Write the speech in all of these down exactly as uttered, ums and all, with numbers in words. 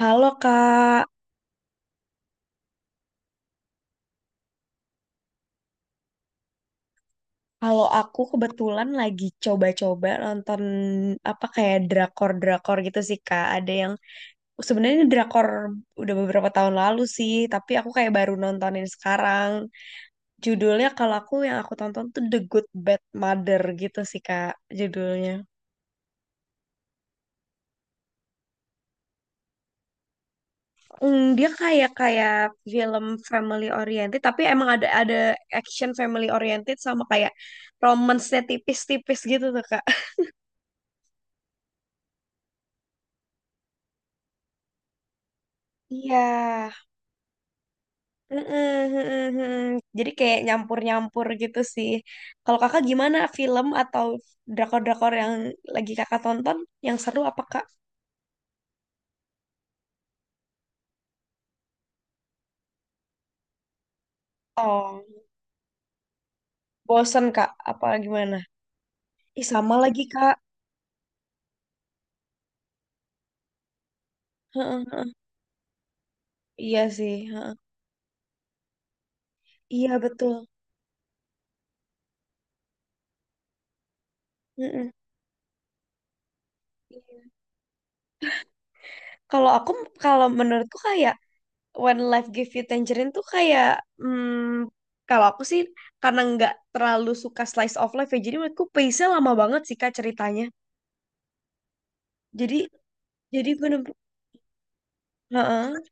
Halo Kak, kalau aku kebetulan lagi coba-coba nonton apa kayak drakor-drakor gitu sih Kak. Ada yang sebenarnya ini drakor udah beberapa tahun lalu sih, tapi aku kayak baru nontonin sekarang. Judulnya kalau aku yang aku tonton tuh The Good Bad Mother gitu sih Kak, judulnya. Hmm, dia kayak kayak film family oriented, tapi emang ada ada action family oriented sama kayak romance-nya tipis-tipis gitu tuh Kak. Iya, heeh, heeh, heeh. Jadi kayak nyampur-nyampur gitu sih. Kalau kakak gimana film atau drakor-drakor yang lagi kakak tonton yang seru apa kak? Oh, bosen kak? Apa gimana? Ih sama lagi kak. Heeh, heeh. Iya sih. Heeh. Iya betul. Heeh. Iya. Kalau aku, kalau menurutku kayak When Life Give You Tangerine tuh kayak, hmm, kalau aku sih karena nggak terlalu suka slice of life ya, jadi menurutku pace-nya lama banget sih kak ceritanya. Jadi, jadi bener heeh,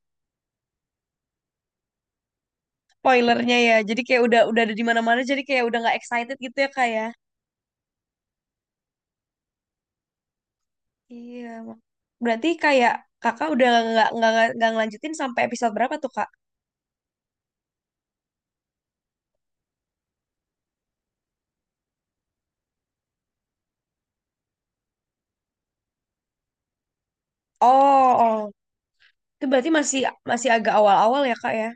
spoilernya ya. Jadi kayak udah udah ada di mana-mana jadi kayak udah nggak excited gitu ya kak ya. Iya. Mak. Berarti kayak kakak udah nggak nggak nggak ngelanjutin sampai episode berapa tuh kak? Oh, oh. Itu berarti masih masih agak awal-awal ya kak ya.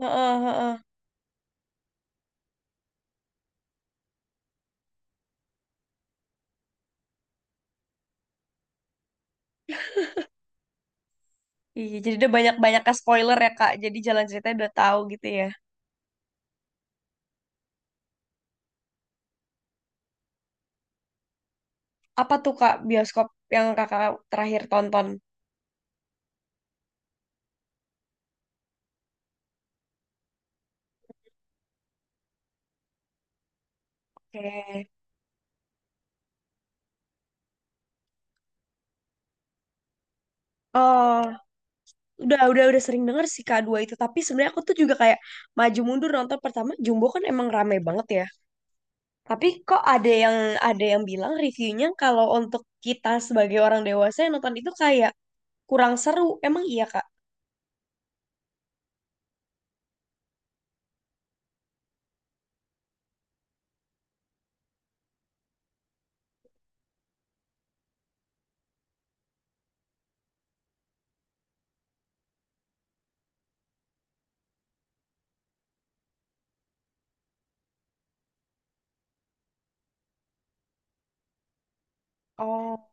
Heeh, heeh. Iya, jadi udah banyak-banyak spoiler ya kak. Jadi jalan ceritanya udah tahu gitu ya. Apa tuh kak bioskop yang kakak terakhir tonton? Oke. Oh. udah udah udah sering denger sih K dua itu tapi sebenarnya aku tuh juga kayak maju mundur nonton pertama Jumbo kan emang rame banget ya tapi kok ada yang ada yang bilang reviewnya kalau untuk kita sebagai orang dewasa yang nonton itu kayak kurang seru emang iya Kak? Oh,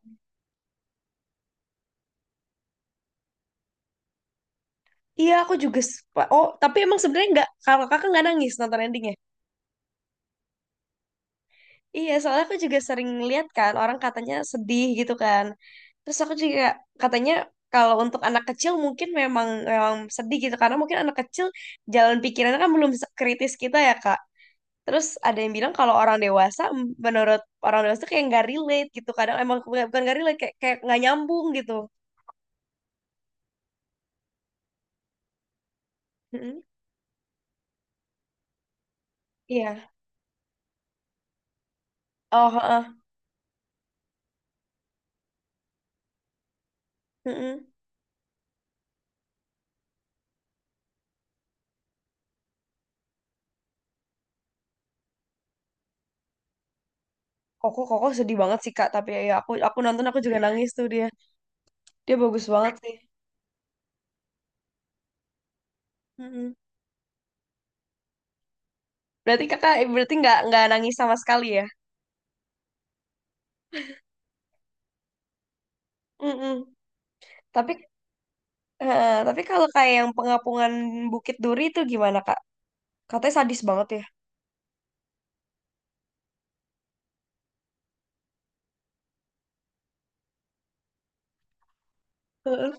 iya aku juga suka. Oh tapi emang sebenarnya nggak kalau kakak nggak nangis nonton endingnya? Iya, soalnya aku juga sering lihat kan orang katanya sedih gitu kan. Terus aku juga katanya kalau untuk anak kecil mungkin memang memang sedih gitu karena mungkin anak kecil jalan pikirannya kan belum kritis kita ya, Kak. Terus ada yang bilang kalau orang dewasa m- menurut orang dewasa tuh kayak nggak relate gitu. Kadang emang bukan bukan nggak relate kayak kayak nggak nyambung gitu. Mm-mm. Iya. Oh, heeh. Mm-mm. Koko Koko sedih banget sih Kak, tapi ya ya aku aku nonton aku juga nangis tuh dia. Dia bagus banget sih. Berarti kakak eh, berarti nggak nggak nangis sama sekali ya? Mm-mm. Tapi eh, tapi kalau kayak yang pengapungan Bukit Duri itu gimana kak? Katanya sadis banget ya. Heeh.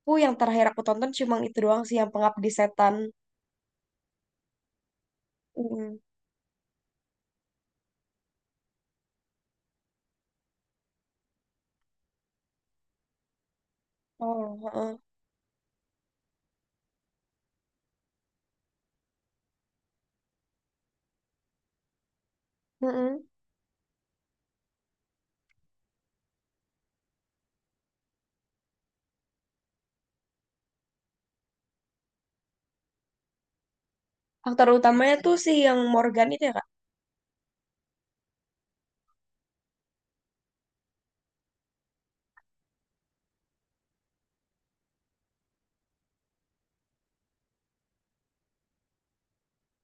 Aku yang terakhir aku tonton cuma itu doang sih yang pengabdi setan. Mm-mm. Oh, heeh. Heeh. Aktor utamanya tuh si yang Morgan itu ya kak?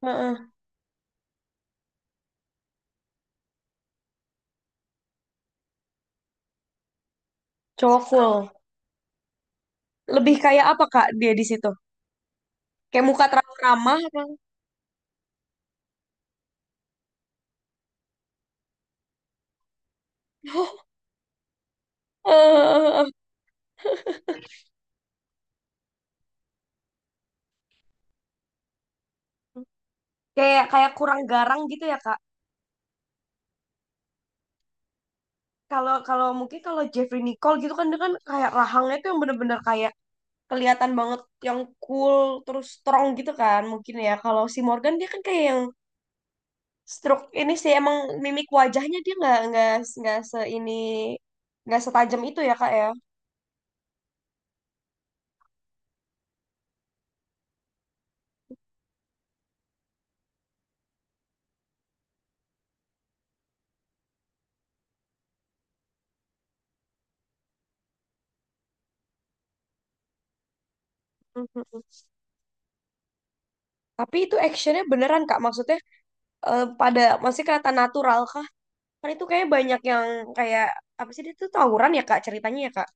Heeh. Cowok cool. Lebih kayak apa kak dia di situ? Kayak muka terlalu ramah apa? Eh, kayak kayak kurang garang gitu ya kak? Kalau kalau mungkin kalau Jeffrey Nicole gitu kan dia kan kayak rahangnya tuh yang bener-bener kayak kelihatan banget yang cool terus strong gitu kan mungkin ya. Kalau si Morgan dia kan kayak yang stroke ini sih emang mimik wajahnya dia nggak nggak nggak se ini nggak setajam itu ya kak ya. Mhm. Tapi itu actionnya beneran kak maksudnya eh, pada masih kelihatan natural kah? Kan itu kayak banyak yang kayak apa sih dia tuh tawuran ya kak ceritanya ya kak.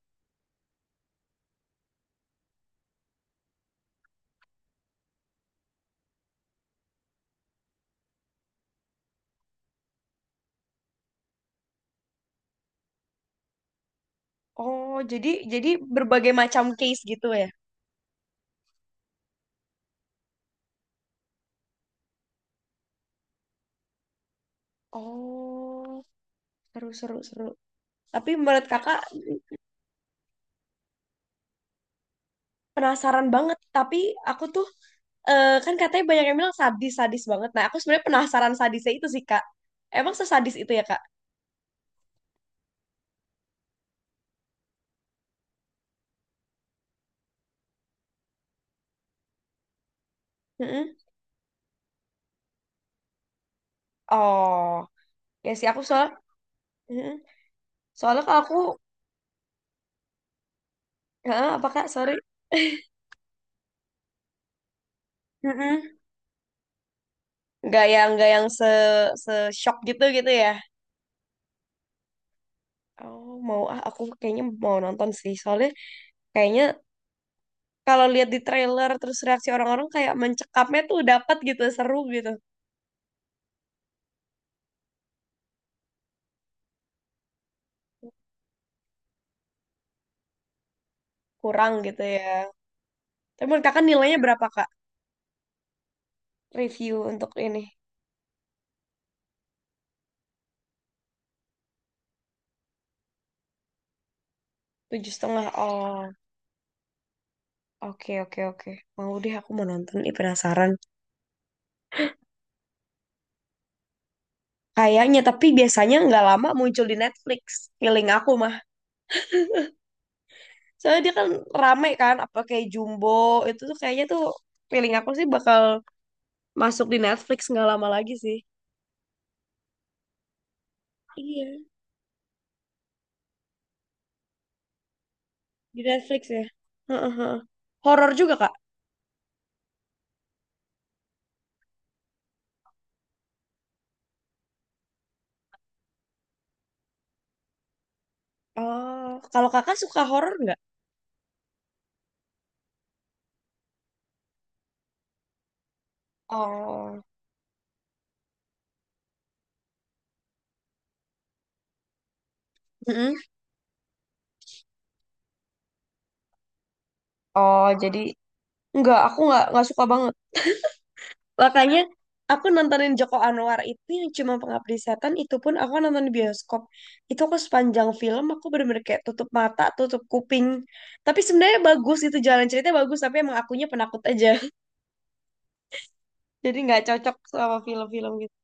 Oh jadi jadi berbagai macam case gitu ya. Oh, seru, seru, seru. Tapi menurut kakak penasaran banget. Tapi aku tuh eh, kan katanya banyak yang bilang sadis-sadis banget. Nah, aku sebenarnya penasaran sadisnya itu sih, Kak. Emang sesadis itu ya, Kak? Mm-mm. Oh, ya sih aku soal mm-mm. Soalnya kalau aku heeh, apa Kak? Sorry. Mm-mm. Nggak yang nggak yang se se shock gitu gitu ya. Oh, mau ah aku kayaknya mau nonton sih. Soalnya kayaknya kalau lihat di trailer terus reaksi orang-orang kayak mencekapnya tuh dapat gitu, seru gitu. Kurang gitu ya. Tapi menurut kakak nilainya berapa kak? Review untuk ini tujuh setengah. Oh, oke oke oke. Mau deh aku mau nonton. Ih, penasaran. Kayaknya tapi biasanya nggak lama muncul di Netflix. Feeling aku mah. Soalnya dia kan rame kan. Apa kayak Jumbo itu tuh kayaknya tuh feeling aku sih bakal masuk di Netflix nggak lama lagi sih. Iya, di Netflix ya. Heeh, heeh. Horor juga kak. Oh, kalau kakak suka horor nggak? Oh, mm-mm. Oh, jadi enggak, aku nggak nggak suka banget. Makanya aku nontonin Joko Anwar itu yang cuma Pengabdi Setan itu pun aku nonton di bioskop. Itu aku sepanjang film aku bener-bener kayak tutup mata, tutup kuping. Tapi sebenarnya bagus itu jalan ceritanya bagus, tapi emang akunya penakut aja. Jadi nggak cocok sama film-film gitu.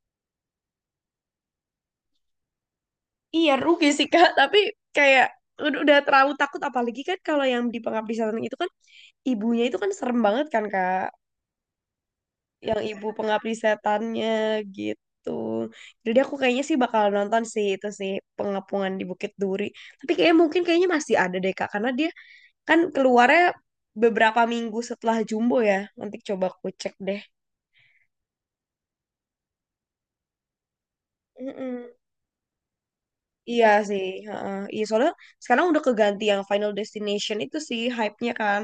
Iya rugi sih Kak, tapi kayak ud- udah terlalu takut apalagi kan kalau yang di Pengabdi Setan itu kan ibunya itu kan serem banget kan Kak. Yang ibu pengabdi setannya gitu. Jadi aku kayaknya sih bakal nonton sih itu sih pengepungan di Bukit Duri. Tapi kayaknya mungkin kayaknya masih ada deh Kak karena dia kan keluarnya beberapa minggu setelah Jumbo ya. Nanti coba aku cek deh. Mm-mm. Iya sih, heeh. Iya soalnya sekarang udah keganti yang Final Destination itu sih hype-nya kan.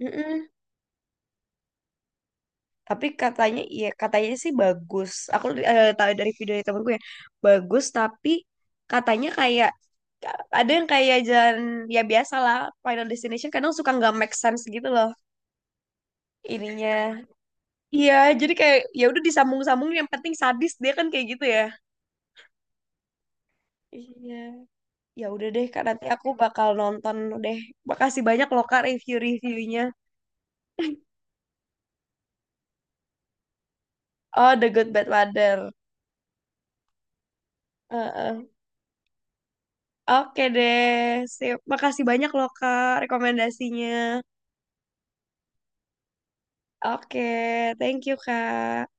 Mm-mm. Tapi katanya iya katanya sih bagus, aku eh, tahu dari video dari temenku ya, bagus tapi katanya kayak ada yang kayak jalan ya biasa lah Final Destination kadang suka nggak make sense gitu loh ininya iya jadi kayak ya udah disambung-sambung yang penting sadis dia kan kayak gitu ya iya. Ya udah deh kak nanti aku bakal nonton deh, makasih banyak loh kak review-reviewnya. Oh The Good Bad Mother. Heeh. Oke deh, sip. Makasih banyak loh Kak rekomendasinya. Oke, thank you, Kak.